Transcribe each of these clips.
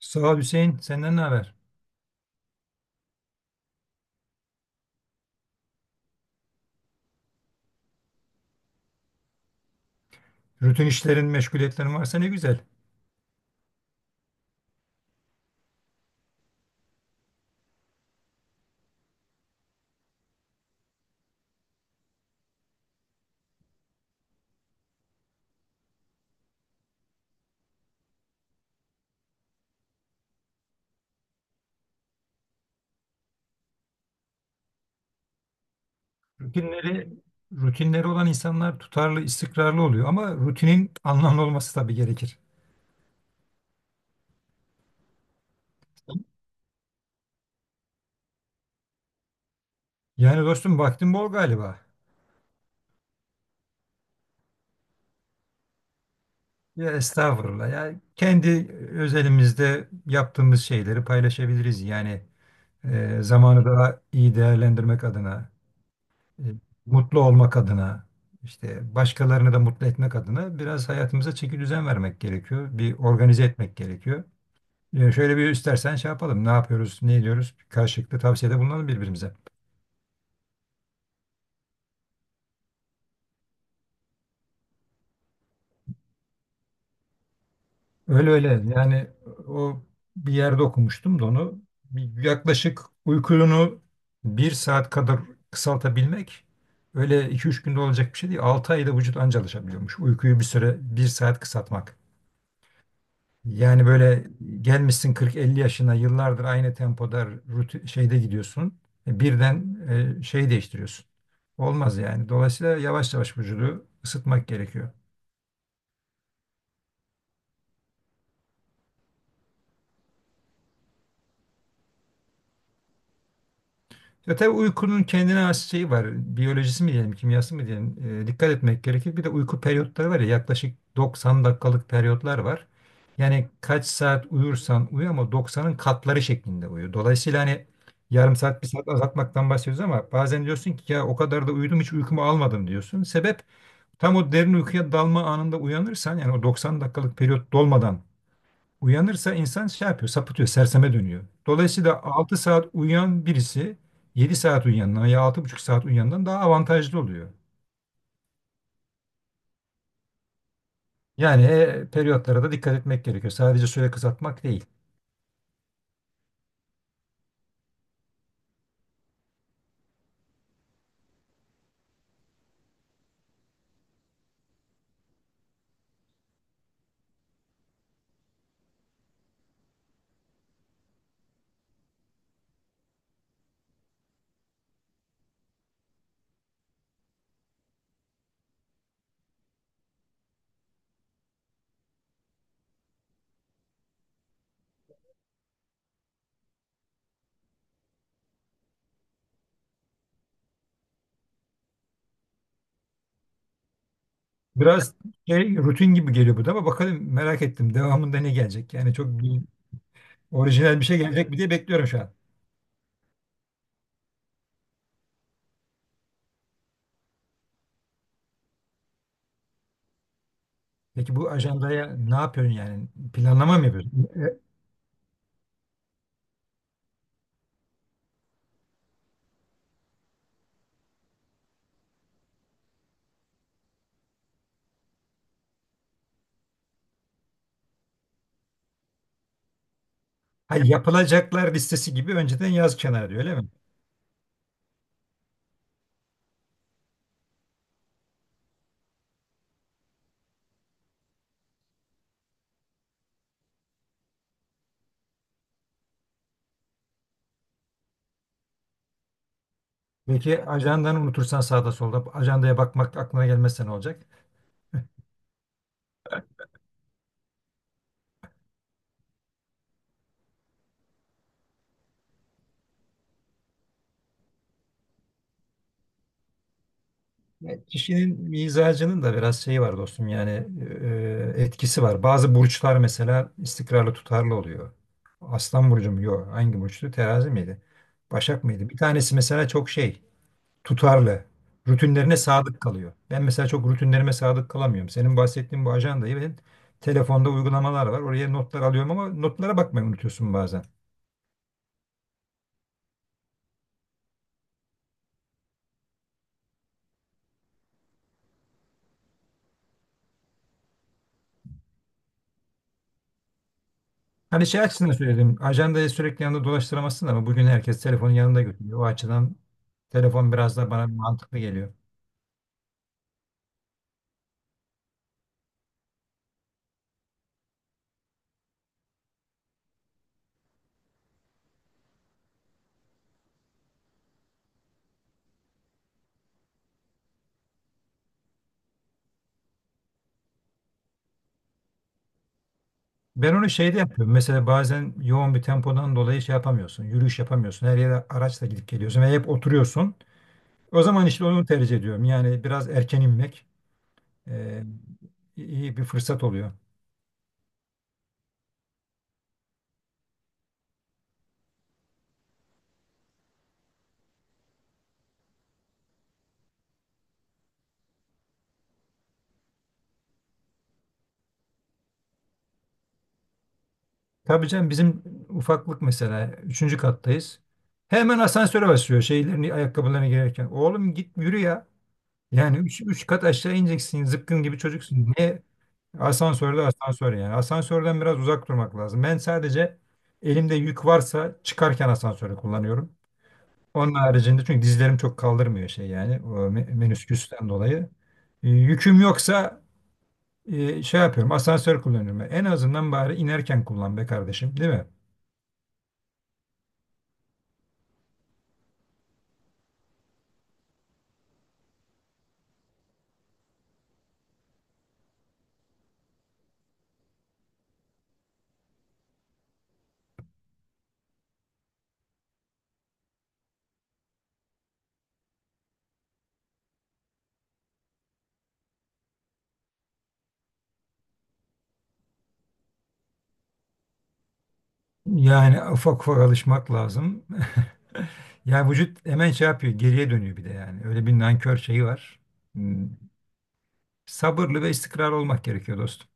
Sağ ol Hüseyin. Senden ne haber? Rutin işlerin, meşguliyetlerin varsa ne güzel. Rutinleri, rutinleri olan insanlar tutarlı, istikrarlı oluyor ama rutinin anlamlı olması tabii gerekir. Yani dostum vaktin bol galiba. Ya estağfurullah. Ya kendi özelimizde yaptığımız şeyleri paylaşabiliriz. Yani zamanı daha iyi değerlendirmek adına, e, mutlu olmak adına, işte başkalarını da mutlu etmek adına biraz hayatımıza çeki düzen vermek gerekiyor. Bir organize etmek gerekiyor. Şöyle bir istersen şey yapalım. Ne yapıyoruz, ne ediyoruz? Karşılıklı tavsiyede bulunalım birbirimize. Öyle öyle. Yani o bir yerde okumuştum da onu. Yaklaşık uykunu bir saat kadar kısaltabilmek öyle iki üç günde olacak bir şey değil. Altı ayda vücut anca alışabiliyormuş. Uykuyu bir süre bir saat kısaltmak. Yani böyle gelmişsin 40-50 yaşına yıllardır aynı tempoda rutin, şeyde gidiyorsun. Birden şey değiştiriyorsun. Olmaz yani. Dolayısıyla yavaş yavaş vücudu ısıtmak gerekiyor. Ya tabii uykunun kendine has şeyi var. Biyolojisi mi diyelim, kimyası mı diyelim. Dikkat etmek gerekir. Bir de uyku periyotları var ya yaklaşık 90 dakikalık periyotlar var. Yani kaç saat uyursan uyu ama 90'ın katları şeklinde uyu. Dolayısıyla hani yarım saat bir saat azaltmaktan bahsediyoruz ama bazen diyorsun ki ya o kadar da uyudum hiç uykumu almadım diyorsun. Sebep tam o derin uykuya dalma anında uyanırsan yani o 90 dakikalık periyot dolmadan uyanırsa insan şey yapıyor, sapıtıyor, serseme dönüyor. Dolayısıyla 6 saat uyuyan birisi 7 saat uyuyandan ya 6,5 saat uyuyandan daha avantajlı oluyor. Yani periyotlara da dikkat etmek gerekiyor. Sadece süre kısaltmak değil. Biraz şey, rutin gibi geliyor bu da ama bakalım merak ettim. Devamında ne gelecek? Yani çok orijinal bir şey gelecek mi diye bekliyorum şu an. Peki bu ajandaya ne yapıyorsun yani? Planlama mı yapıyorsun? Hayır, yapılacaklar listesi gibi önceden yaz kenara diyor öyle mi? Peki ajandanı unutursan sağda solda ajandaya bakmak aklına gelmezse ne olacak? Ya, kişinin mizacının da biraz şeyi var dostum yani etkisi var. Bazı burçlar mesela istikrarlı tutarlı oluyor. Aslan burcu mu? Yok. Hangi burçtu? Terazi miydi? Başak mıydı? Bir tanesi mesela çok şey tutarlı. Rutinlerine sadık kalıyor. Ben mesela çok rutinlerime sadık kalamıyorum. Senin bahsettiğin bu ajandayı ben telefonda uygulamalar var. Oraya notlar alıyorum ama notlara bakmayı unutuyorsun bazen. Hani şey açısından söyledim. Ajandayı sürekli yanında dolaştıramazsın ama bugün herkes telefonu yanında götürüyor. O açıdan telefon biraz da bana mantıklı geliyor. Ben onu şeyde yapıyorum. Mesela bazen yoğun bir tempodan dolayı şey yapamıyorsun. Yürüyüş yapamıyorsun. Her yere araçla gidip geliyorsun ve hep oturuyorsun. O zaman işte onu tercih ediyorum. Yani biraz erken inmek e, iyi bir fırsat oluyor. Tabii canım bizim ufaklık mesela. Üçüncü kattayız. Hemen asansöre basıyor şeylerini ayakkabılarını girerken. Oğlum git yürü ya. Yani üç kat aşağı ineceksin. Zıpkın gibi çocuksun. Niye? Asansörde asansör yani. Asansörden biraz uzak durmak lazım. Ben sadece elimde yük varsa çıkarken asansörü kullanıyorum. Onun haricinde çünkü dizlerim çok kaldırmıyor şey yani. O menüsküsten dolayı. Yüküm yoksa şey yapıyorum. Asansör kullanıyorum. En azından bari inerken kullan be kardeşim, değil mi? Yani ufak ufak alışmak lazım. Yani vücut hemen şey yapıyor, geriye dönüyor bir de yani. Öyle bir nankör şeyi var. Hmm. Sabırlı ve istikrarlı olmak gerekiyor dostum.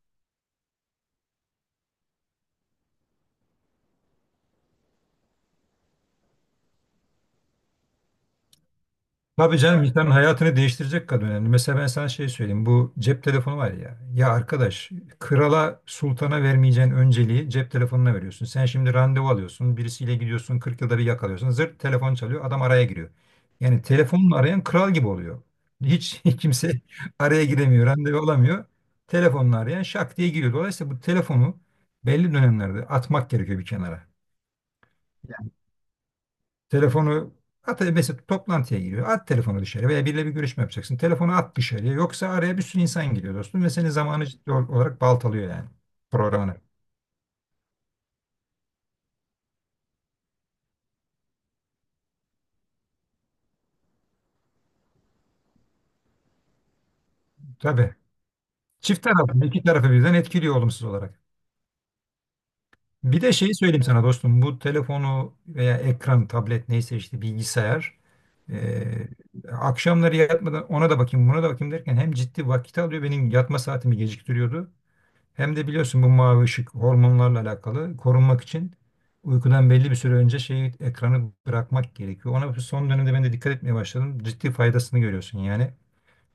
Tabii canım insanın hayatını değiştirecek kadar önemli. Mesela ben sana şey söyleyeyim. Bu cep telefonu var ya. Ya arkadaş krala sultana vermeyeceğin önceliği cep telefonuna veriyorsun. Sen şimdi randevu alıyorsun. Birisiyle gidiyorsun. 40 yılda bir yakalıyorsun. Zırt telefon çalıyor. Adam araya giriyor. Yani telefonla arayan kral gibi oluyor. Hiç kimse araya giremiyor. Randevu alamıyor. Telefonla arayan şak diye giriyor. Dolayısıyla bu telefonu belli dönemlerde atmak gerekiyor bir kenara. Telefonu at mesela toplantıya giriyor. At telefonu dışarı veya biriyle bir görüşme yapacaksın. Telefonu at dışarıya. Yoksa araya bir sürü insan giriyor dostum ve senin zamanı ciddi olarak baltalıyor yani programını. Tabii. Çift taraflı, iki tarafı birden etkiliyor olumsuz olarak. Bir de şeyi söyleyeyim sana dostum. Bu telefonu veya ekran, tablet neyse işte bilgisayar. eee, Akşamları yatmadan ona da bakayım buna da bakayım derken hem ciddi vakit alıyor. Benim yatma saatimi geciktiriyordu. Hem de biliyorsun bu mavi ışık hormonlarla alakalı korunmak için uykudan belli bir süre önce şeyi ekranı bırakmak gerekiyor. Ona son dönemde ben de dikkat etmeye başladım. Ciddi faydasını görüyorsun yani.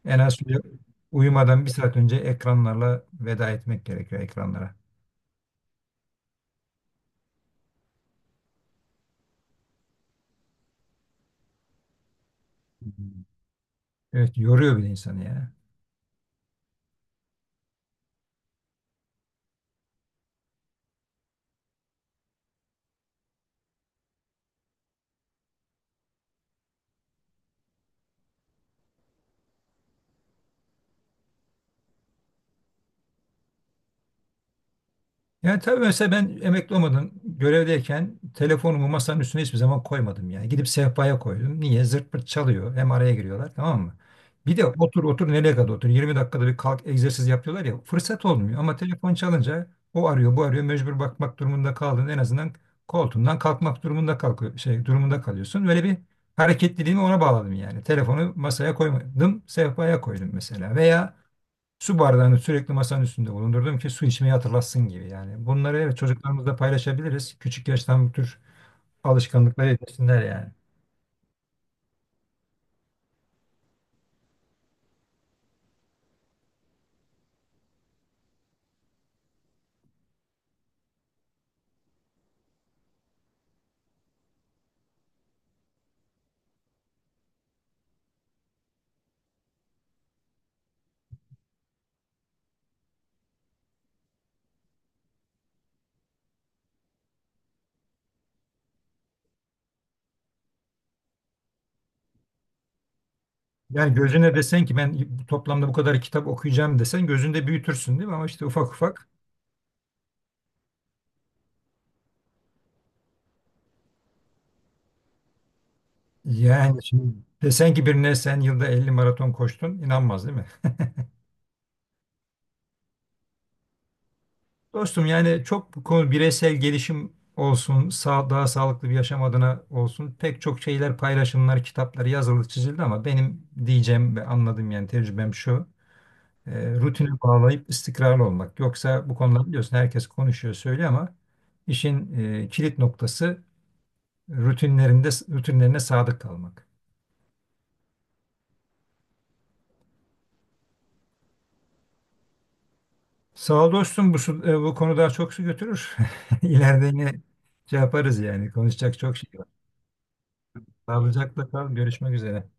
En az uyumadan bir saat önce ekranlarla veda etmek gerekiyor ekranlara. Evet yoruyor bir de insanı ya. Yani tabii mesela ben emekli olmadan görevdeyken telefonumu masanın üstüne hiçbir zaman koymadım yani. Gidip sehpaya koydum. Niye? Zırt pırt çalıyor. Hem araya giriyorlar tamam mı? Bir de otur otur nereye kadar otur. 20 dakikada bir kalk egzersiz yapıyorlar ya. Fırsat olmuyor ama telefon çalınca o arıyor bu arıyor. Mecbur bakmak durumunda kaldın. En azından koltuğundan kalkmak durumunda kalkıyor, şey durumunda kalıyorsun. Böyle bir hareketliliğimi ona bağladım yani. Telefonu masaya koymadım. Sehpaya koydum mesela. Veya su bardağını sürekli masanın üstünde bulundurdum ki su içmeyi hatırlatsın gibi yani. Bunları evet çocuklarımızla paylaşabiliriz. Küçük yaştan bu tür alışkanlıkları edinsinler yani. Yani gözüne desen ki ben toplamda bu kadar kitap okuyacağım desen gözünde büyütürsün değil mi? Ama işte ufak ufak yani şimdi desen ki birine sen yılda 50 maraton koştun inanmaz değil mi? Dostum yani çok bu konu bireysel gelişim olsun, daha sağlıklı bir yaşam adına olsun pek çok şeyler paylaşımlar, kitaplar yazılı çizildi ama benim diyeceğim ve anladığım yani tecrübem şu. Rutine bağlayıp istikrarlı olmak. Yoksa bu konuda biliyorsun herkes konuşuyor söylüyor ama işin kilit noktası rutinlerine sadık kalmak. Sağ ol dostum bu konu daha çok su götürür. İleride yine şey yaparız yani konuşacak çok şey var. Sağlıcakla kal görüşmek üzere.